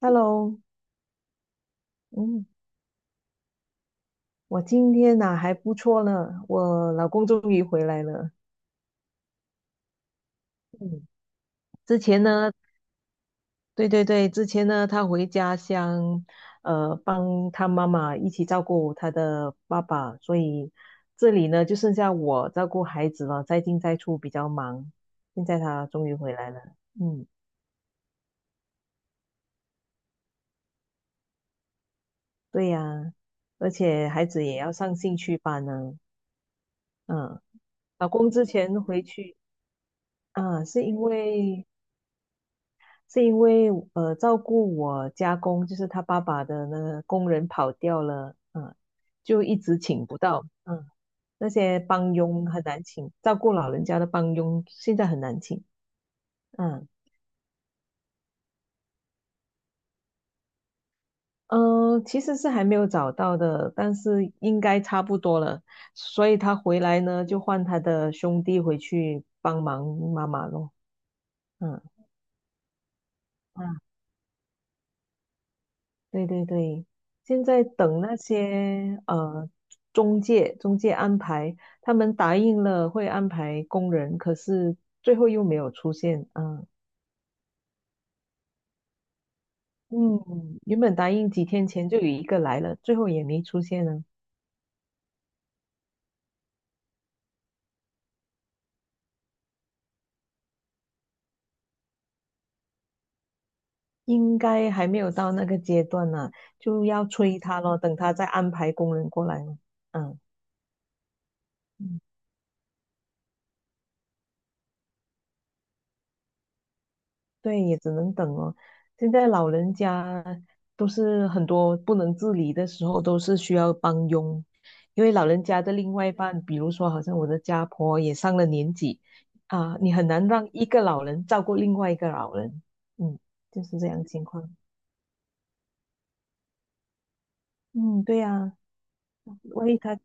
Hello，嗯，我今天呐还不错呢，我老公终于回来了。嗯，之前呢，对对对，之前呢，他回家乡，帮他妈妈一起照顾他的爸爸，所以这里呢就剩下我照顾孩子了，在进在出比较忙。现在他终于回来了，嗯，对呀，而且孩子也要上兴趣班呢，嗯，老公之前回去啊，是因为照顾我家公，就是他爸爸的那个工人跑掉了，嗯，就一直请不到，嗯，那些帮佣很难请，照顾老人家的帮佣现在很难请。嗯嗯，其实是还没有找到的，但是应该差不多了，所以他回来呢，就换他的兄弟回去帮忙妈妈咯。嗯嗯，对对对，现在等那些中介安排，他们答应了会安排工人，可是最后又没有出现啊。嗯，原本答应几天前就有一个来了，最后也没出现呢，应该还没有到那个阶段呢、就要催他咯，等他再安排工人过来咯。嗯，对，也只能等哦。现在老人家都是很多不能自理的时候，都是需要帮佣，因为老人家的另外一半，比如说好像我的家婆也上了年纪啊，你很难让一个老人照顾另外一个老人。嗯，就是这样情况。嗯，对呀，万一他，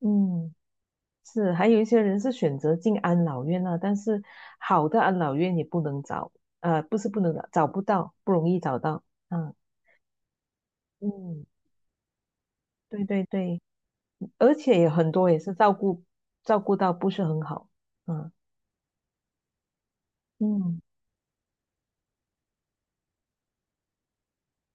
嗯，是，还有一些人是选择进安老院啊，但是好的安老院也不能找，不是不能找，找不到，不容易找到。嗯嗯。对对对，而且有很多也是照顾到不是很好。嗯嗯，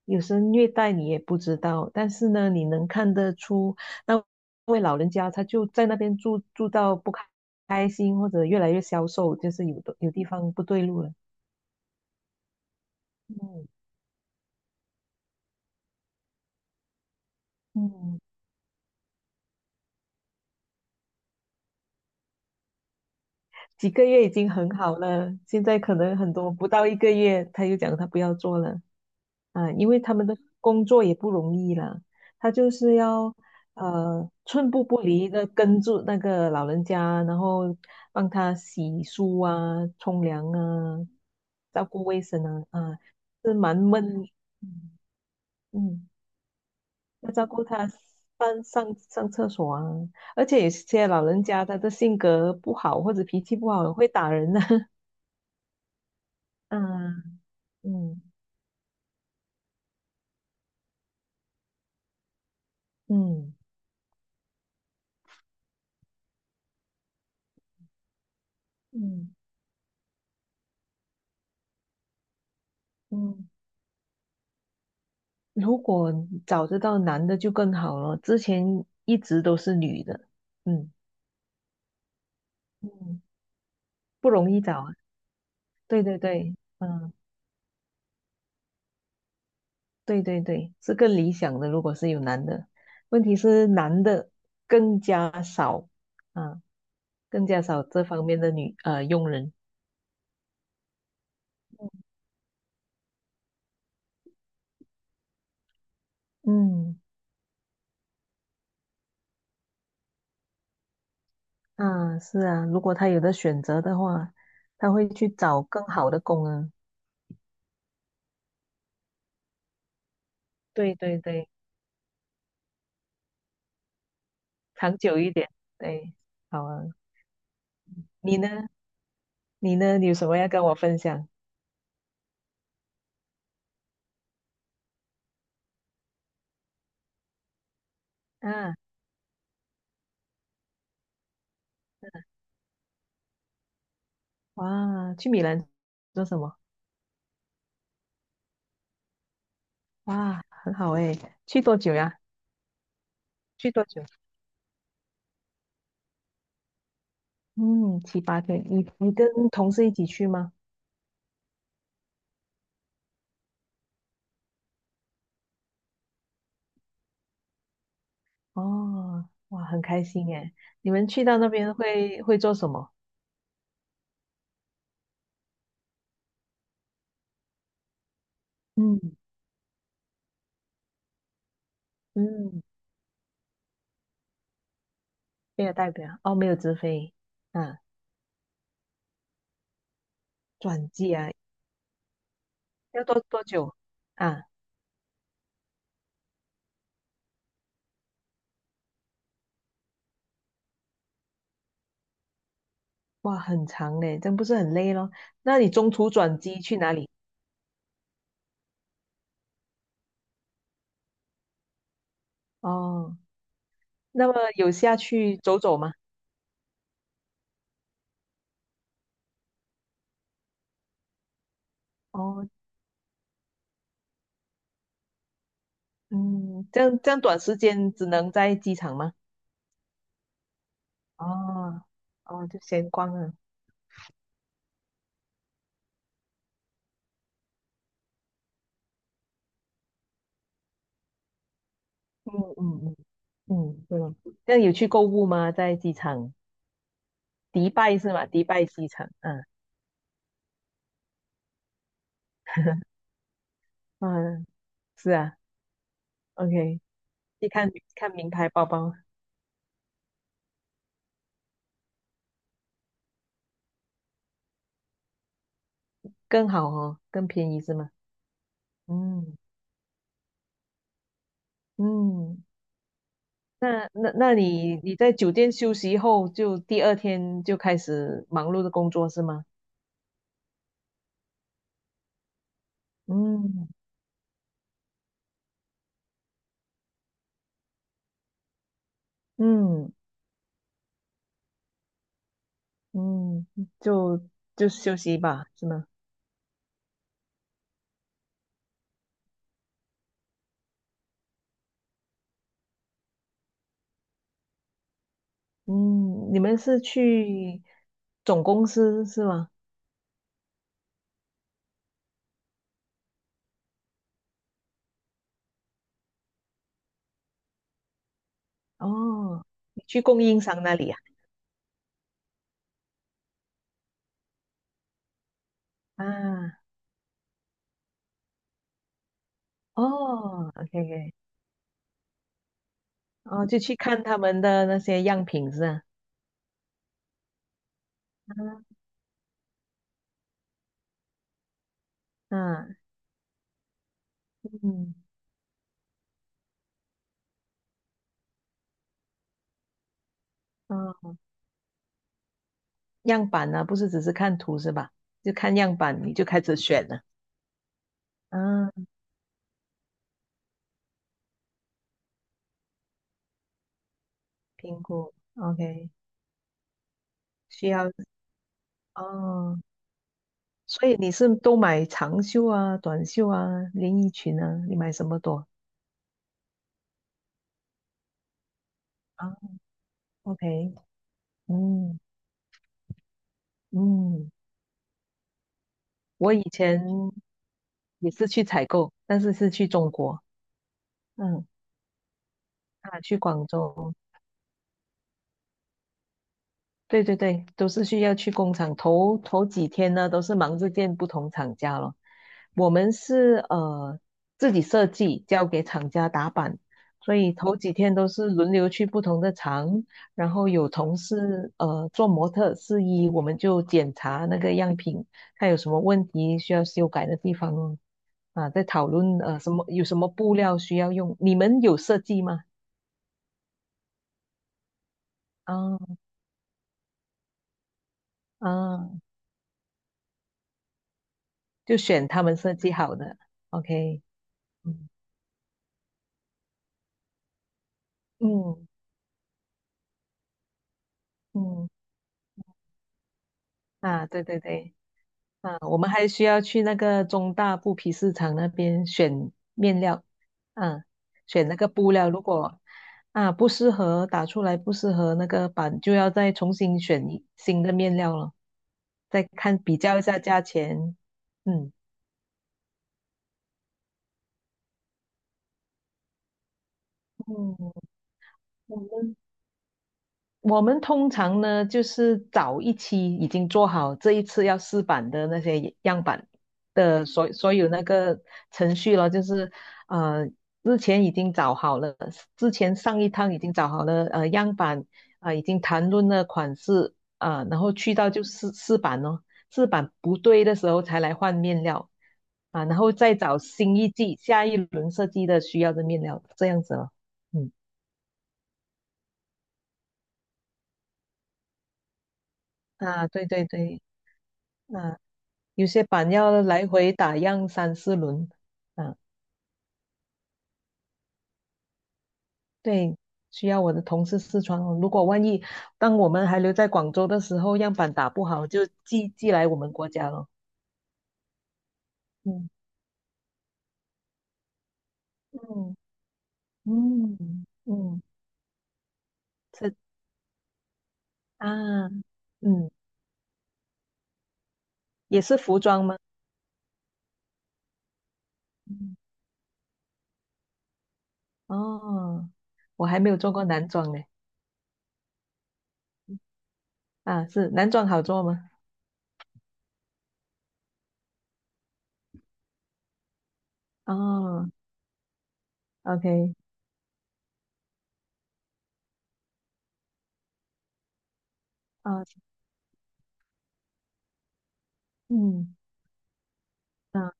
有时虐待你也不知道，但是呢，你能看得出那位老人家他就在那边住到不开心，或者越来越消瘦，就是有地方不对路了。嗯嗯，几个月已经很好了，现在可能很多不到一个月他就讲他不要做了。啊，因为他们的工作也不容易啦，他就是要寸步不离的跟住那个老人家，然后帮他洗漱啊、冲凉啊、照顾卫生啊。啊，是蛮闷，嗯，嗯要照顾他上厕所啊，而且有些老人家他的性格不好或者脾气不好，会打人的、啊。嗯嗯嗯嗯。嗯，如果找得到男的就更好了，之前一直都是女的。嗯嗯，不容易找啊。对对对，嗯，对对对，是更理想的。如果是有男的，问题是男的更加少啊，更加少这方面的佣人。嗯，啊，是啊，如果他有的选择的话，他会去找更好的工啊。对对对，长久一点。对，好啊。你呢？你有什么要跟我分享？啊，哇，去米兰做什么？哇，很好诶，去多久呀？去多久？嗯，七八天。你跟同事一起去吗？哦，哇，很开心诶。你们去到那边会做什么？嗯嗯，没有代表哦，没有直飞啊，转机啊，要多久啊？哇，很长嘞，真不是很累咯。那你中途转机去哪里？哦，那么有下去走走吗？哦，嗯，这样短时间只能在机场吗？哦哦，就闲逛啊。嗯嗯嗯嗯，对哦。这样有去购物吗？在机场，迪拜是吗？迪拜机场，嗯、嗯、是啊，OK,去看看名牌包包更好哦，更便宜是吗？嗯嗯，那你在酒店休息后，就第二天就开始忙碌的工作是吗？嗯嗯，嗯，就就休息吧，是吗？嗯，你们是去总公司是吗？哦，你去供应商那里啊？啊？哦，OK OK,哦，就去看他们的那些样品是吧？啊，嗯，哦，样板呢、不是只是看图是吧？就看样板你就开始选了。啊，评估，OK,需要哦。所以你是都买长袖啊、短袖啊、连衣裙啊，你买什么多啊？OK,嗯嗯，我以前也是去采购，但是是去中国。嗯，啊，去广州，对对对，都是需要去工厂。头几天呢，都是忙着见不同厂家咯。我们是自己设计，交给厂家打板，所以头几天都是轮流去不同的厂，然后有同事做模特试衣，我们就检查那个样品，看有什么问题需要修改的地方哦。啊，在讨论有什么布料需要用。你们有设计吗？啊，啊，就选他们设计好的，OK。嗯嗯嗯，啊，对对对，啊，我们还需要去那个中大布匹市场那边选面料。啊，选那个布料，如果不适合，打出来不适合那个版，就要再重新选一新的面料了，再看比较一下价钱。嗯。嗯，我们通常呢，就是找一期已经做好这一次要试版的那些样板的所有那个程序了，就是呃之前已经找好了，之前上一趟已经找好了样板，啊、已经谈论了款式啊、然后去到就试版咯，试版不对的时候才来换面料，啊、然后再找新一季下一轮设计的需要的面料，这样子了。嗯，啊，对对对，有些板要来回打样三四轮。啊，对，需要我的同事试穿哦。如果万一当我们还留在广州的时候，样板打不好，就寄来我们国家了。嗯嗯嗯嗯，是啊，嗯，也是服装吗？嗯，哦，我还没有做过男装呢。啊，是男装好做吗？哦，OK,啊，嗯，啊，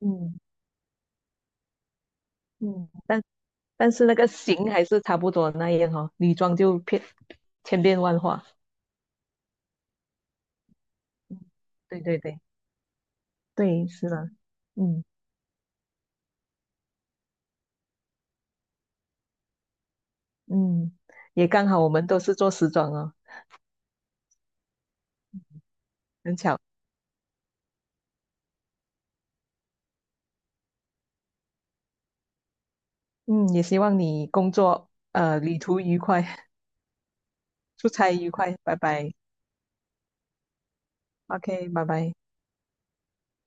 嗯嗯，但是那个型还是差不多那样哦，女装就变千变万化。嗯，对对对对，是的，嗯嗯，也刚好我们都是做时装哦，很巧。嗯，也希望你工作旅途愉快，出差愉快，拜拜。OK,拜拜。